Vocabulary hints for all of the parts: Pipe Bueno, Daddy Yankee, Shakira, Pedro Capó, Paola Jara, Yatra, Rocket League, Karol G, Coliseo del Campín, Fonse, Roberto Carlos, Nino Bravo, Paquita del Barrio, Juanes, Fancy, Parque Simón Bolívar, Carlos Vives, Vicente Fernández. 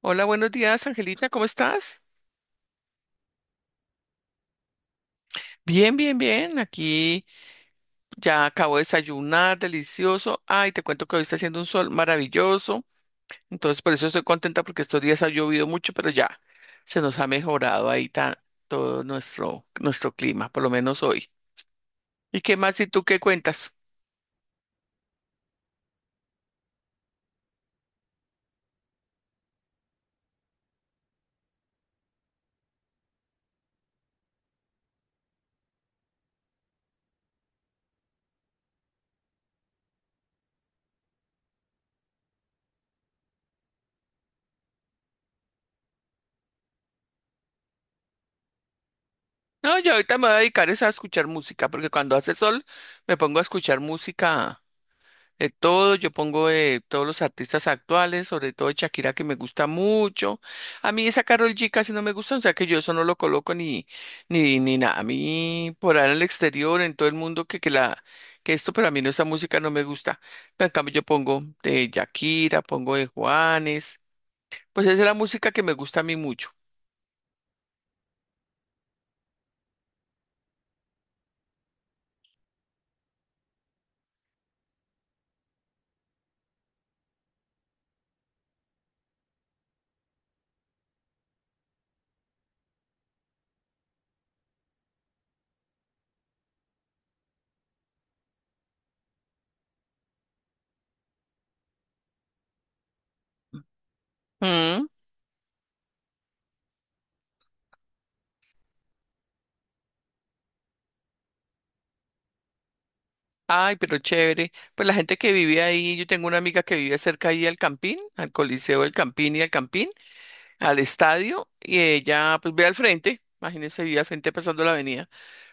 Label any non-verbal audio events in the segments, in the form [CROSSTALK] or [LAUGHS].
Hola, buenos días, Angelita, ¿cómo estás? Bien, bien, bien. Aquí ya acabo de desayunar, delicioso. Ay, te cuento que hoy está haciendo un sol maravilloso. Entonces, por eso estoy contenta porque estos días ha llovido mucho, pero ya se nos ha mejorado ahí todo nuestro clima, por lo menos hoy. ¿Y qué más? ¿Y tú qué cuentas? No, yo ahorita me voy a dedicar es a escuchar música, porque cuando hace sol me pongo a escuchar música todo, yo pongo todos los artistas actuales, sobre todo de Shakira que me gusta mucho. A mí esa Karol G casi no me gusta, o sea que yo eso no lo coloco ni nada. A mí por ahí en el exterior, en todo el mundo que esto, pero a mí no esa música no me gusta. Pero en cambio yo pongo de Shakira, pongo de Juanes, pues esa es la música que me gusta a mí mucho. Mm. Ay, pero chévere. Pues la gente que vive ahí, yo tengo una amiga que vive cerca ahí al Campín, al Coliseo del Campín y al Campín, al estadio, y ella pues ve al frente, imagínense, ve al frente pasando la avenida.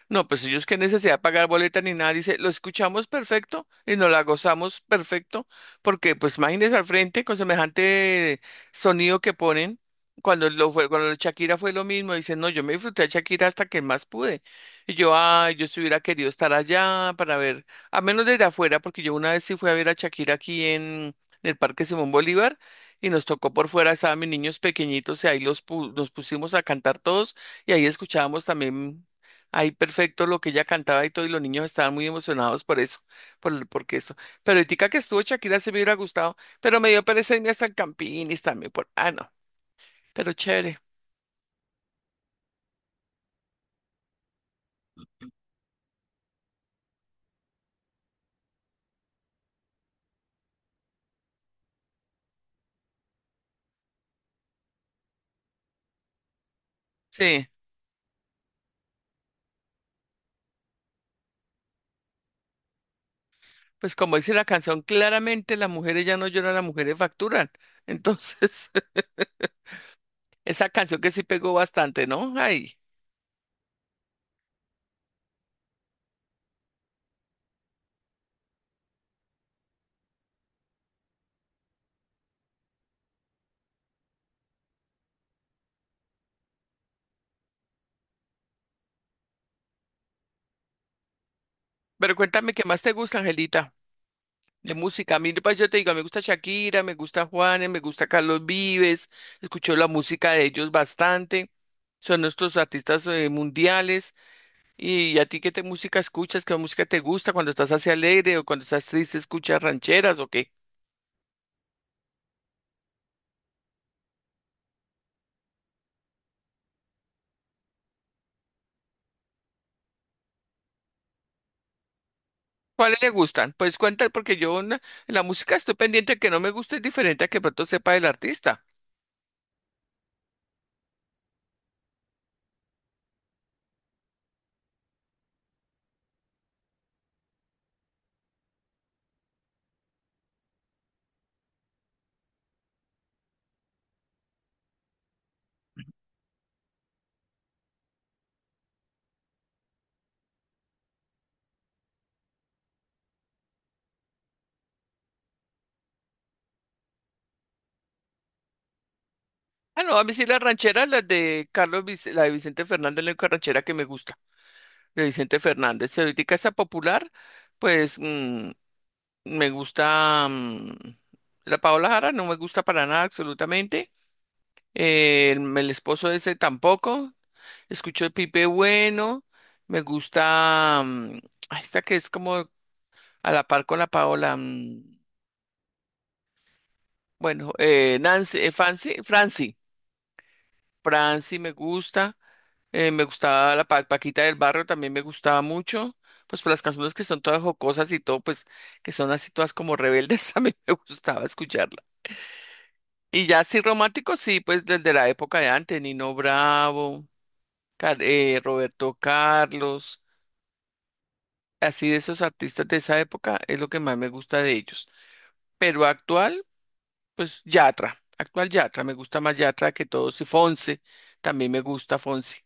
No, pues ellos qué necesidad de pagar boleta ni nada, dice, lo escuchamos perfecto y nos la gozamos perfecto, porque pues imagínense al frente con semejante sonido que ponen. Cuando lo fue, cuando Shakira fue lo mismo, dice, no, yo me disfruté a Shakira hasta que más pude. Y yo, ay, yo si hubiera querido estar allá para ver, a menos desde afuera, porque yo una vez sí fui a ver a Shakira aquí en el Parque Simón Bolívar y nos tocó por fuera, estaban mis niños pequeñitos y ahí nos pusimos a cantar todos y ahí escuchábamos también. Ahí perfecto lo que ella cantaba y todo, y los niños estaban muy emocionados por eso, porque esto. Pero ahorita que estuvo Shakira se me hubiera gustado, pero me dio pereza irme hasta el Campín también por, ah, no, pero chévere. Sí, pues como dice la canción, claramente las mujeres ya no lloran, las mujeres facturan. Entonces, [LAUGHS] esa canción que sí pegó bastante, ¿no? Ay, pero cuéntame, ¿qué más te gusta, Angelita? De música, a mí, pues yo te digo, me gusta Shakira, me gusta Juanes, me gusta Carlos Vives, escucho la música de ellos bastante, son nuestros artistas mundiales. ¿Y a ti qué te música escuchas? ¿Qué música te gusta cuando estás así alegre o cuando estás triste escuchas rancheras o qué? ¿Cuáles le gustan? Pues cuenta, porque yo en la música estoy pendiente que no me guste es diferente a que pronto sepa del artista. Ah, no, a mí sí las rancheras, las de la de Vicente Fernández, la única ranchera que me gusta, de Vicente Fernández. Si ahorita está popular, pues me gusta la Paola Jara, no me gusta para nada absolutamente. El esposo de ese tampoco. Escucho el Pipe Bueno, me gusta ay, esta que es como a la par con la Paola. Bueno, Nancy, Fancy, Franci. Franci me gusta. Me gustaba la Paquita del Barrio, también me gustaba mucho. Pues por las canciones que son todas jocosas y todo, pues que son así todas como rebeldes, [LAUGHS] a mí me gustaba escucharla. Y ya así romántico, sí, pues desde la época de antes, Nino Bravo, Roberto Carlos, así de esos artistas de esa época es lo que más me gusta de ellos. Pero actual, pues Yatra, actual Yatra, me gusta más Yatra que todos y Fonse, también me gusta Fonse.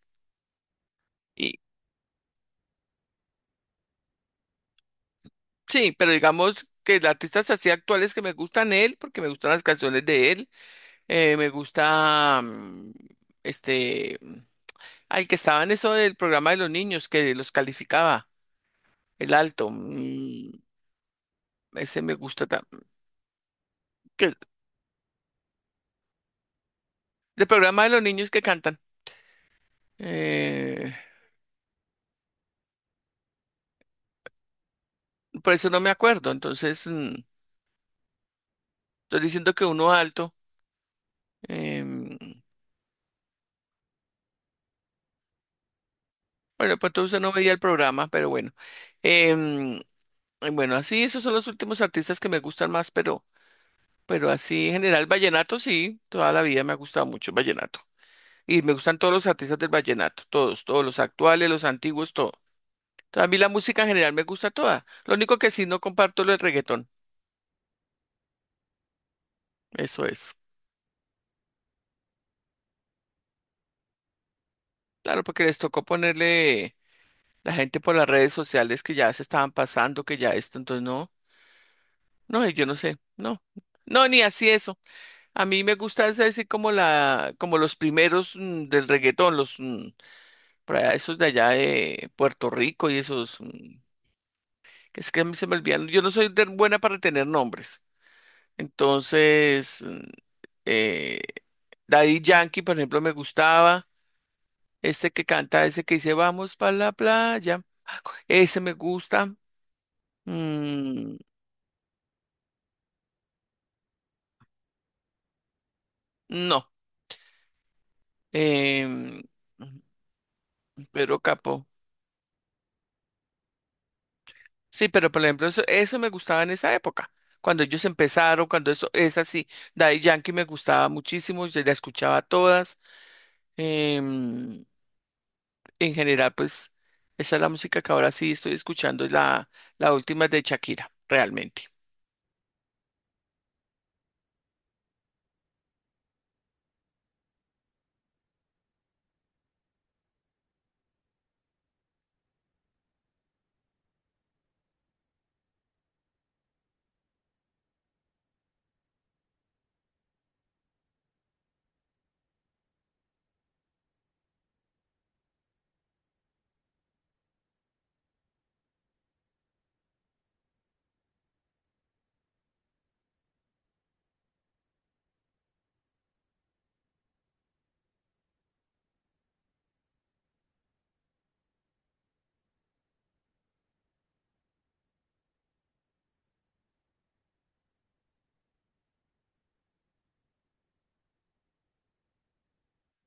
Sí, pero digamos que los artistas así actuales que me gustan él, porque me gustan las canciones de él, me gusta este, al que estaba en eso del programa de los niños que los calificaba, el alto, ese me gusta también, que el programa de los niños que cantan, eh, por eso no me acuerdo, entonces estoy diciendo que uno alto. em, bueno, pues entonces no veía el programa, pero bueno. Em, bueno, así esos son los últimos artistas que me gustan más, pero así en general, vallenato sí, toda la vida me ha gustado mucho el vallenato. Y me gustan todos los artistas del vallenato, todos, todos los actuales, los antiguos, todo. Entonces, a mí la música en general me gusta toda. Lo único que sí no comparto es el reggaetón, eso es. Claro, porque les tocó ponerle la gente por las redes sociales que ya se estaban pasando, que ya esto, entonces no, no, yo no sé, no. No, ni así eso. A mí me gusta es decir como los primeros del reggaetón, los por allá, esos de allá de Puerto Rico y esos mm. Es que a mí se me olvidan. Yo no soy tan buena para tener nombres. Entonces, eh, Daddy Yankee, por ejemplo, me gustaba. Este que canta, ese que dice vamos para la playa. Ese me gusta. Mm, no. em, Pedro Capó. Sí, pero por ejemplo, eso me gustaba en esa época. Cuando ellos empezaron, cuando eso es así. Daddy Yankee me gustaba muchísimo. Yo la escuchaba todas. em, En general, pues esa es la música que ahora sí estoy escuchando, es la última es de Shakira, realmente.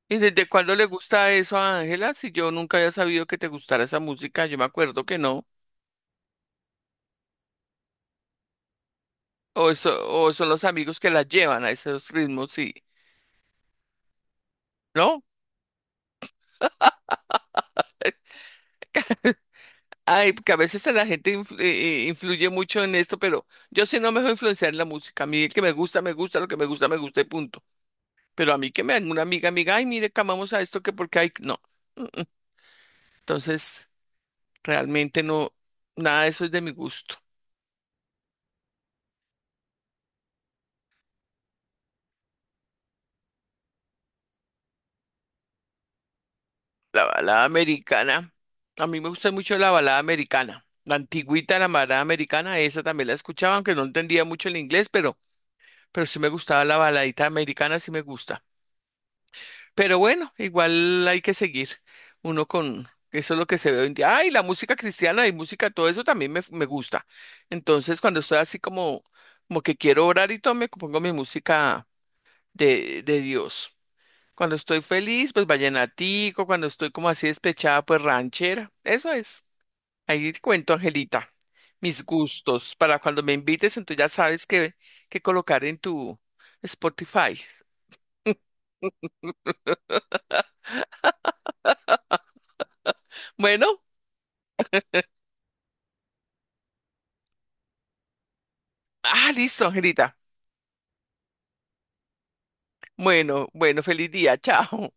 ¿Y desde cuándo le gusta eso a Ángela? Si yo nunca había sabido que te gustara esa música, yo me acuerdo que no. O, eso, o son los amigos que la llevan a esos ritmos, sí. ¿No? Eh, Ay, que a veces la gente influye mucho en esto, pero yo sí no me dejo influenciar en la música. A mí el que me gusta, lo que me gusta y punto. Pero a mí que me una amiga, amiga, ay, mire, que amamos a esto, que porque hay, no. Mm, mm. Entonces... Realmente no, nada de eso es de mi gusto. La balada americana, a mí me gusta mucho la balada americana. La antigüita, la balada americana, esa también la escuchaba, aunque no entendía mucho el inglés, pero sí me gustaba la baladita americana, sí me gusta. Pero bueno, igual hay que seguir uno con, eso es lo que se ve hoy en día. Ah, y la música cristiana y música, todo eso también me gusta. Entonces, cuando estoy así como, como que quiero orar y todo, me pongo mi música de Dios. Cuando estoy feliz, pues vallenatico, cuando estoy como así despechada, pues ranchera. Eso es. Ahí te cuento, Angelita, mis gustos para cuando me invites, entonces ya sabes qué, qué colocar en tu Spotify. Bueno, ah, listo, Angelita. Bueno, bueno, feliz día, [LAUGHS] chao.